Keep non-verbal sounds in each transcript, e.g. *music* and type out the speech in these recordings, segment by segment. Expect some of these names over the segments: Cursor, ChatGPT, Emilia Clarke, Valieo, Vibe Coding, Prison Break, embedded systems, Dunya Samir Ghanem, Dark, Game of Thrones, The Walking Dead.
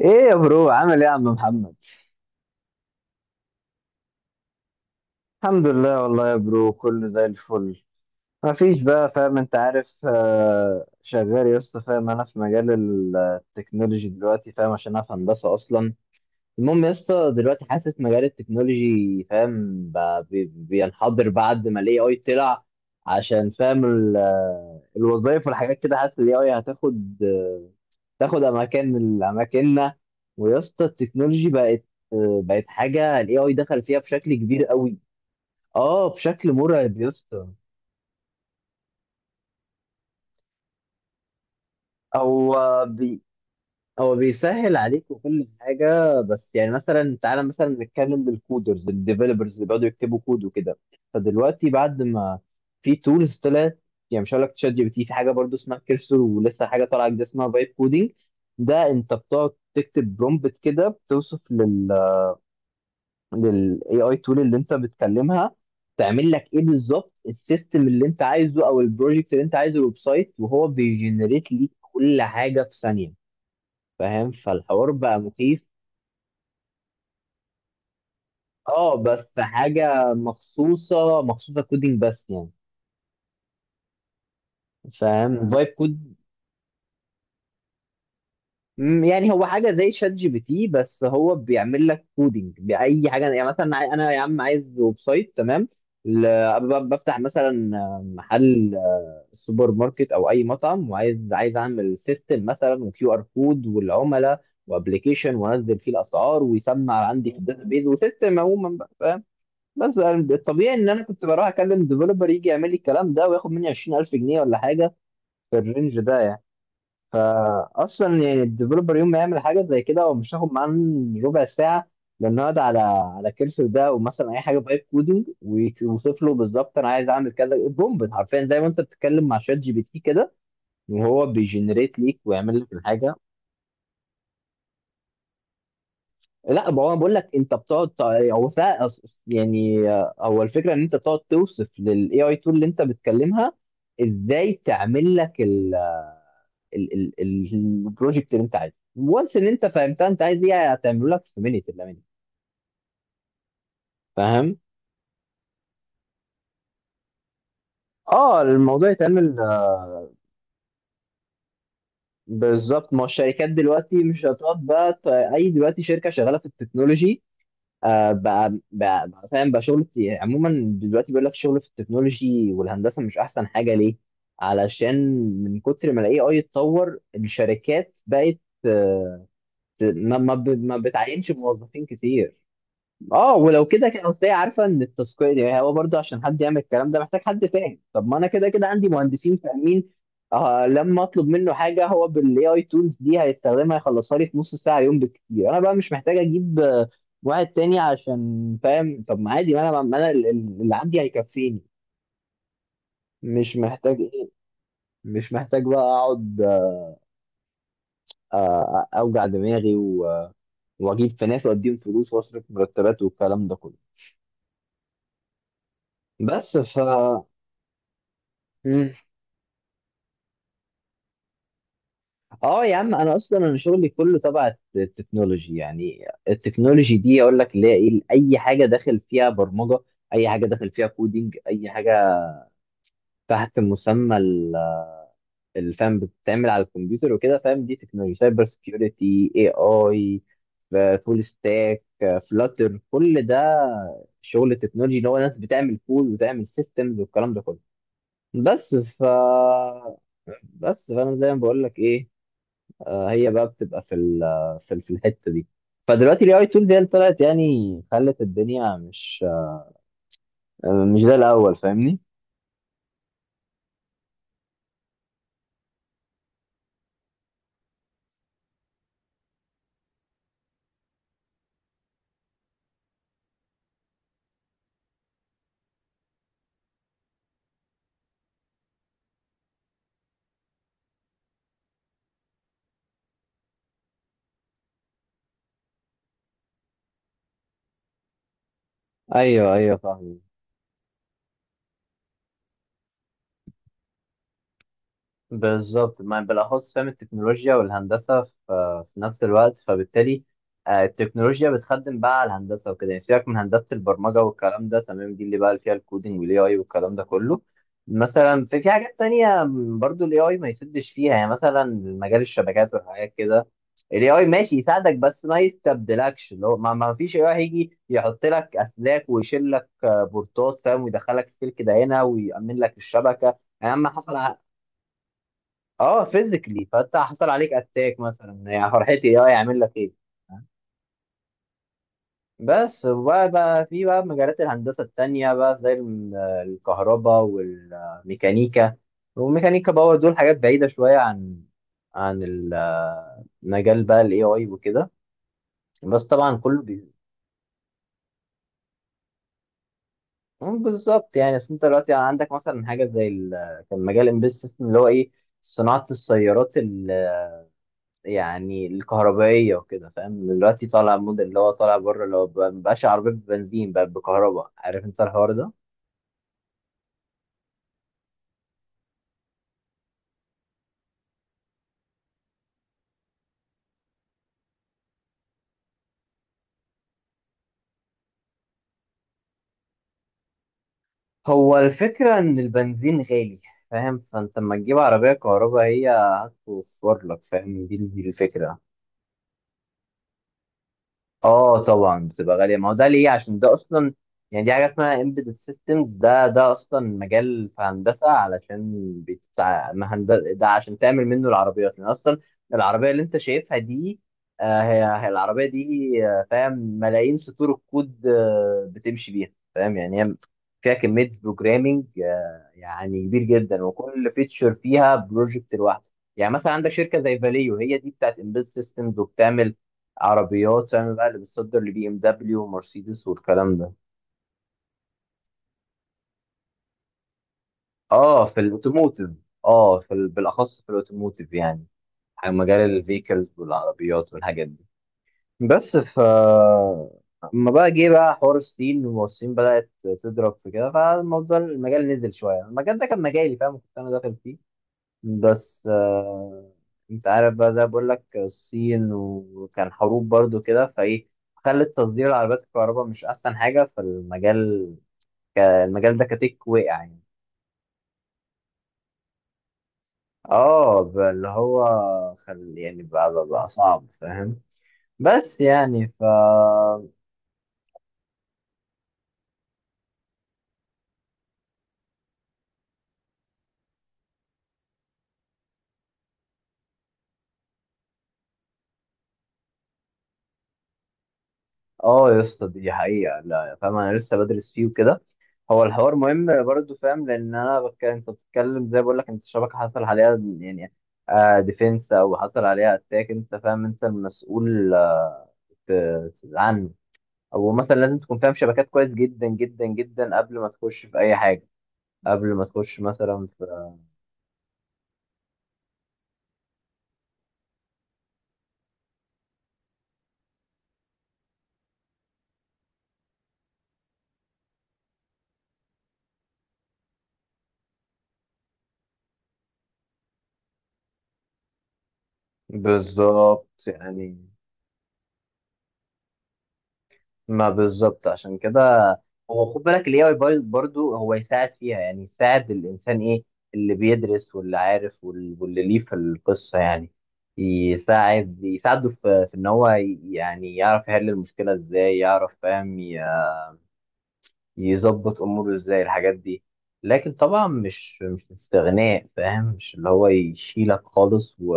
ايه يا برو؟ عامل ايه يا عم محمد؟ الحمد لله والله يا برو، كله زي الفل. ما فيش بقى، فاهم، انت عارف، شغال يا اسطى. فاهم، انا في مجال التكنولوجي دلوقتي، فاهم، عشان انا في هندسه اصلا. المهم يا اسطى، دلوقتي حاسس مجال التكنولوجي، فاهم، بقى بينحدر بعد ما الاي اي طلع. عشان فاهم الوظايف والحاجات كده، حاسس الاي اي تاخد اماكن من اماكننا. ويا اسطى التكنولوجي بقت، بقت حاجه، الاي اي دخل فيها بشكل كبير قوي. اه، بشكل مرعب يا اسطى. هو بي هو بيسهل عليك وكل حاجه، بس يعني مثلا، تعالى مثلا نتكلم بالكودرز الديفلوبرز اللي بيقعدوا يكتبوا كود وكده. فدلوقتي بعد ما في تولز طلعت، يعني مش هقول لك تشات جي بي تي، في حاجه برضو اسمها كيرسر، ولسه حاجه طالعه جديده اسمها فايب كودينج. ده انت بتقعد تكتب برومبت كده، بتوصف لل AI tool اللي انت بتكلمها، تعمل لك ايه بالظبط، السيستم اللي انت عايزه او البروجكت اللي انت عايزه، الويب سايت، وهو بيجنريت ليك كل حاجه في ثانيه. فاهم، فالحوار بقى مخيف. اه بس حاجه مخصوصه، مخصوصه كودينج بس يعني، فاهم، فايب كود. يعني هو حاجه زي شات جي بي تي، بس هو بيعمل لك كودينج باي حاجه. يعني مثلا انا يا عم عايز ويب سايت، تمام. بفتح مثلا محل السوبر ماركت او اي مطعم، عايز اعمل سيستم مثلا، وكيو ار كود، والعملاء، وابلكيشن، وانزل فيه الاسعار ويسمع عندي في الداتابيز، وسيستم عموما بقى، فاهم. بس الطبيعي ان انا كنت بروح اكلم ديفلوبر يجي يعمل لي الكلام ده وياخد مني 20,000 جنيه ولا حاجه، في الرينج ده يعني. فاصلا يعني الديفلوبر يوم ما يعمل حاجه زي كده هو مش هياخد معاه ربع ساعه، لانه يقعد على كرسي ده، او مثلا اي حاجه بايب كودنج، ويوصف له بالظبط انا عايز اعمل كذا بومب، حرفيا زي ما انت بتتكلم مع شات جي بي تي كده، وهو بيجنريت ليك ويعمل لك الحاجه. لا، ما هو بقول لك انت بتقعد يعني، هو الفكره ان انت بتقعد توصف للاي اي تول اللي انت بتكلمها ازاي تعمل لك البروجكت اللي انت عايزه، وانس ان انت فهمتها انت عايز ايه، هتعمله لك في مينيت الا minute. فاهم، اه الموضوع يتعمل، بالظبط. ما هو الشركات دلوقتي مش هتقعد بقى اي، دلوقتي شركه شغاله في التكنولوجي، بقى فاهم، بقى شغل كتير. يعني عموما دلوقتي بيقول لك شغل في التكنولوجي والهندسه، مش احسن حاجه، ليه؟ علشان من كتر ما الاي اي اتطور الشركات بقت، آه، ما بتعينش موظفين كتير. اه، ولو كده كده اصل هي عارفه ان التسويق، يعني هو برضه عشان حد يعمل الكلام ده محتاج حد فاهم. طب ما انا كده كده عندي مهندسين فاهمين. آه، لما اطلب منه حاجه هو بالاي اي تولز دي هيستخدمها يخلصها لي في نص ساعه يوم بالكتير. انا بقى مش محتاج اجيب واحد تاني، عشان فاهم. طب ما عادي، ما انا اللي عندي هيكفيني، مش محتاج ايه، مش محتاج بقى اقعد، اوجع دماغي، واجيب في ناس واديهم فلوس واصرف مرتبات والكلام ده كله. بس. اه يا عم، انا اصلا شغلي كله تبع التكنولوجي. يعني التكنولوجي دي اقول لك اللي هي ايه، اي حاجه داخل فيها برمجه، اي حاجه داخل فيها كودينج، اي حاجه تحت مسمى الفهم بتتعمل على الكمبيوتر وكده، فاهم. دي تكنولوجي، سايبر سكيورتي، اي اي، فول ستاك، فلاتر، كل ده شغل تكنولوجي، اللي هو ناس بتعمل كود وتعمل سيستمز والكلام ده كله. بس. بس فانا زي ما بقول لك ايه، هي بقى بتبقى في الحته دي. فدلوقتي الاي اي تولز هي اللي طلعت، يعني خلت الدنيا مش، مش زي الاول، فاهمني. ايوه ايوه، فاهم. بالظبط، ما بالاخص فاهم التكنولوجيا والهندسه في نفس الوقت، فبالتالي، التكنولوجيا بتخدم بقى على الهندسه وكده، يعني سيبك من هندسه البرمجه والكلام ده، تمام، دي اللي بقى فيها الكودينج والاي اي والكلام ده كله. مثلا في حاجات تانية، برضو الاي اي ما يسدش فيها، يعني مثلا مجال الشبكات والحاجات كده. الاي اي ماشي يساعدك، بس ما يستبدلكش، اللي هو ما فيش اي اي هيجي يحط لك اسلاك ويشيل لك، بورتات، فاهم، ويدخلك السلك ده هنا ويأمن لك الشبكه، اهم حاجه. اه، فيزيكلي، فانت حصل عليك اتاك مثلا، يعني فرحتي إيه؟ اه، يعمل لك ايه. بس، وبقى بقى في بقى مجالات الهندسة التانية بقى زي الكهرباء والميكانيكا، والميكانيكا باور، دول حاجات بعيدة شوية عن عن ال- مجال بقى الاي اي وكده. بس طبعا كله بي... بالظبط يعني، اصل انت دلوقتي عندك مثلا حاجة زي كان مجال امبيد سيستم اللي هو ايه، صناعة السيارات، يعني الكهربائية وكده، فاهم. دلوقتي طالع موديل اللي هو طالع بره، اللي هو مبقاش عربية بنزين، بقى بكهرباء، عارف انت الحوار ده. هو الفكرة ان البنزين غالي، فاهم، فانت لما تجيب عربية كهرباء هي هتوفر لك، فاهم، دي الفكرة. اه طبعا بتبقى غاليه، ما هو ده ليه؟ عشان ده اصلا، يعني دي حاجه اسمها embedded systems، ده اصلا مجال في هندسه، علشان بتاع مهندسه ده، عشان تعمل منه العربيات. لان اصلا العربيه اللي انت شايفها دي، هي العربيه دي، فاهم، ملايين سطور الكود بتمشي بيها، فاهم، يعني هي فيها كميه بروجرامنج يعني كبير جدا، وكل فيتشر فيها بروجكت لوحده. يعني مثلا عندك شركه زي فاليو، هي دي بتاعت embedded systems، وبتعمل عربيات، فاهم بقى، اللي بتصدر لبي ام دبليو ومرسيدس والكلام ده. اه، في الاوتوموتيف. اه، في بالاخص في الاوتوموتيف، يعني مجال الفيكلز والعربيات والحاجات دي. بس. اما بقى جه بقى حوار الصين، والصين بدأت تضرب في كده، فالموضوع المجال نزل شوية. المجال ده كان مجالي، فاهم، كنت أنا داخل فيه. بس، أنت عارف بقى ده بقول لك الصين، وكان حروب برضو كده، فإيه، خلت تصدير العربيات الكهرباء مش أحسن حاجة في المجال. المجال ده كتك وقع يعني. اه، اللي هو خل يعني بقى صعب، فاهم. بس يعني. اه يا اسطى، دي حقيقة، لا فاهم، انا لسه بدرس فيه وكده. هو الحوار مهم برضه، فاهم، لان انا انت بتتكلم زي بقول لك، انت الشبكة حصل عليها، يعني ديفنس، او حصل عليها اتاك، انت فاهم انت المسؤول ت- عنه. او مثلا لازم تكون فاهم شبكات كويس جدا جدا جدا قبل ما تخش في اي حاجة، قبل ما تخش مثلا. بالظبط يعني، ما بالظبط عشان كده، هو خد بالك، الاي اي برضو هو يساعد فيها، يعني يساعد الانسان ايه، اللي بيدرس واللي عارف، واللي ليه في القصه، يعني يساعده في ان هو يعني يعرف يحل المشكله ازاي، يعرف، فاهم، يظبط اموره ازاي الحاجات دي. لكن طبعا مش استغناء، فاهم، مش اللي هو يشيلك خالص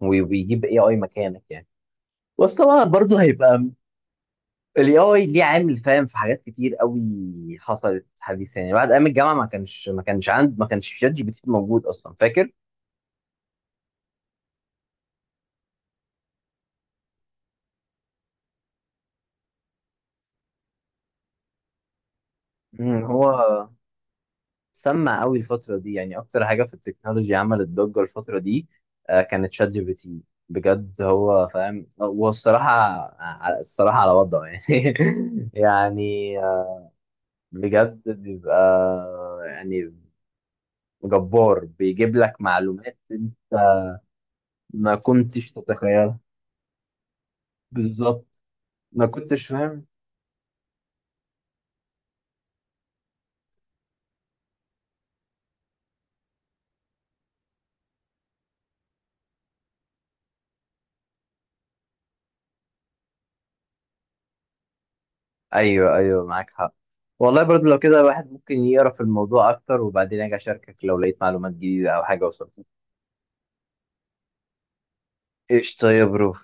ويجيب اي اي مكانك يعني. بس طبعا برضه هيبقى الاي اي ليه عامل، فاهم، في حاجات كتير قوي حصلت حديثا. يعني بعد ايام الجامعه ما كانش شات جي بي تي موجود اصلا، فاكر. هو سمع قوي الفتره دي، يعني اكتر حاجه في التكنولوجيا عملت ضجه الفتره دي كانت شات جي بي تي. بجد هو، فاهم، هو الصراحه، الصراحه على وضعه يعني. *laughs* يعني، بجد بيبقى، يعني جبار، بيجيب لك معلومات انت ما كنتش تتخيلها. بالظبط، ما كنتش فاهم. ايوه ايوه، معاك حق. والله، برضو لو كده الواحد ممكن يقرا في الموضوع اكتر، وبعدين اجي اشاركك لو لقيت معلومات جديده او حاجه وصلت. ايش، طيب برو.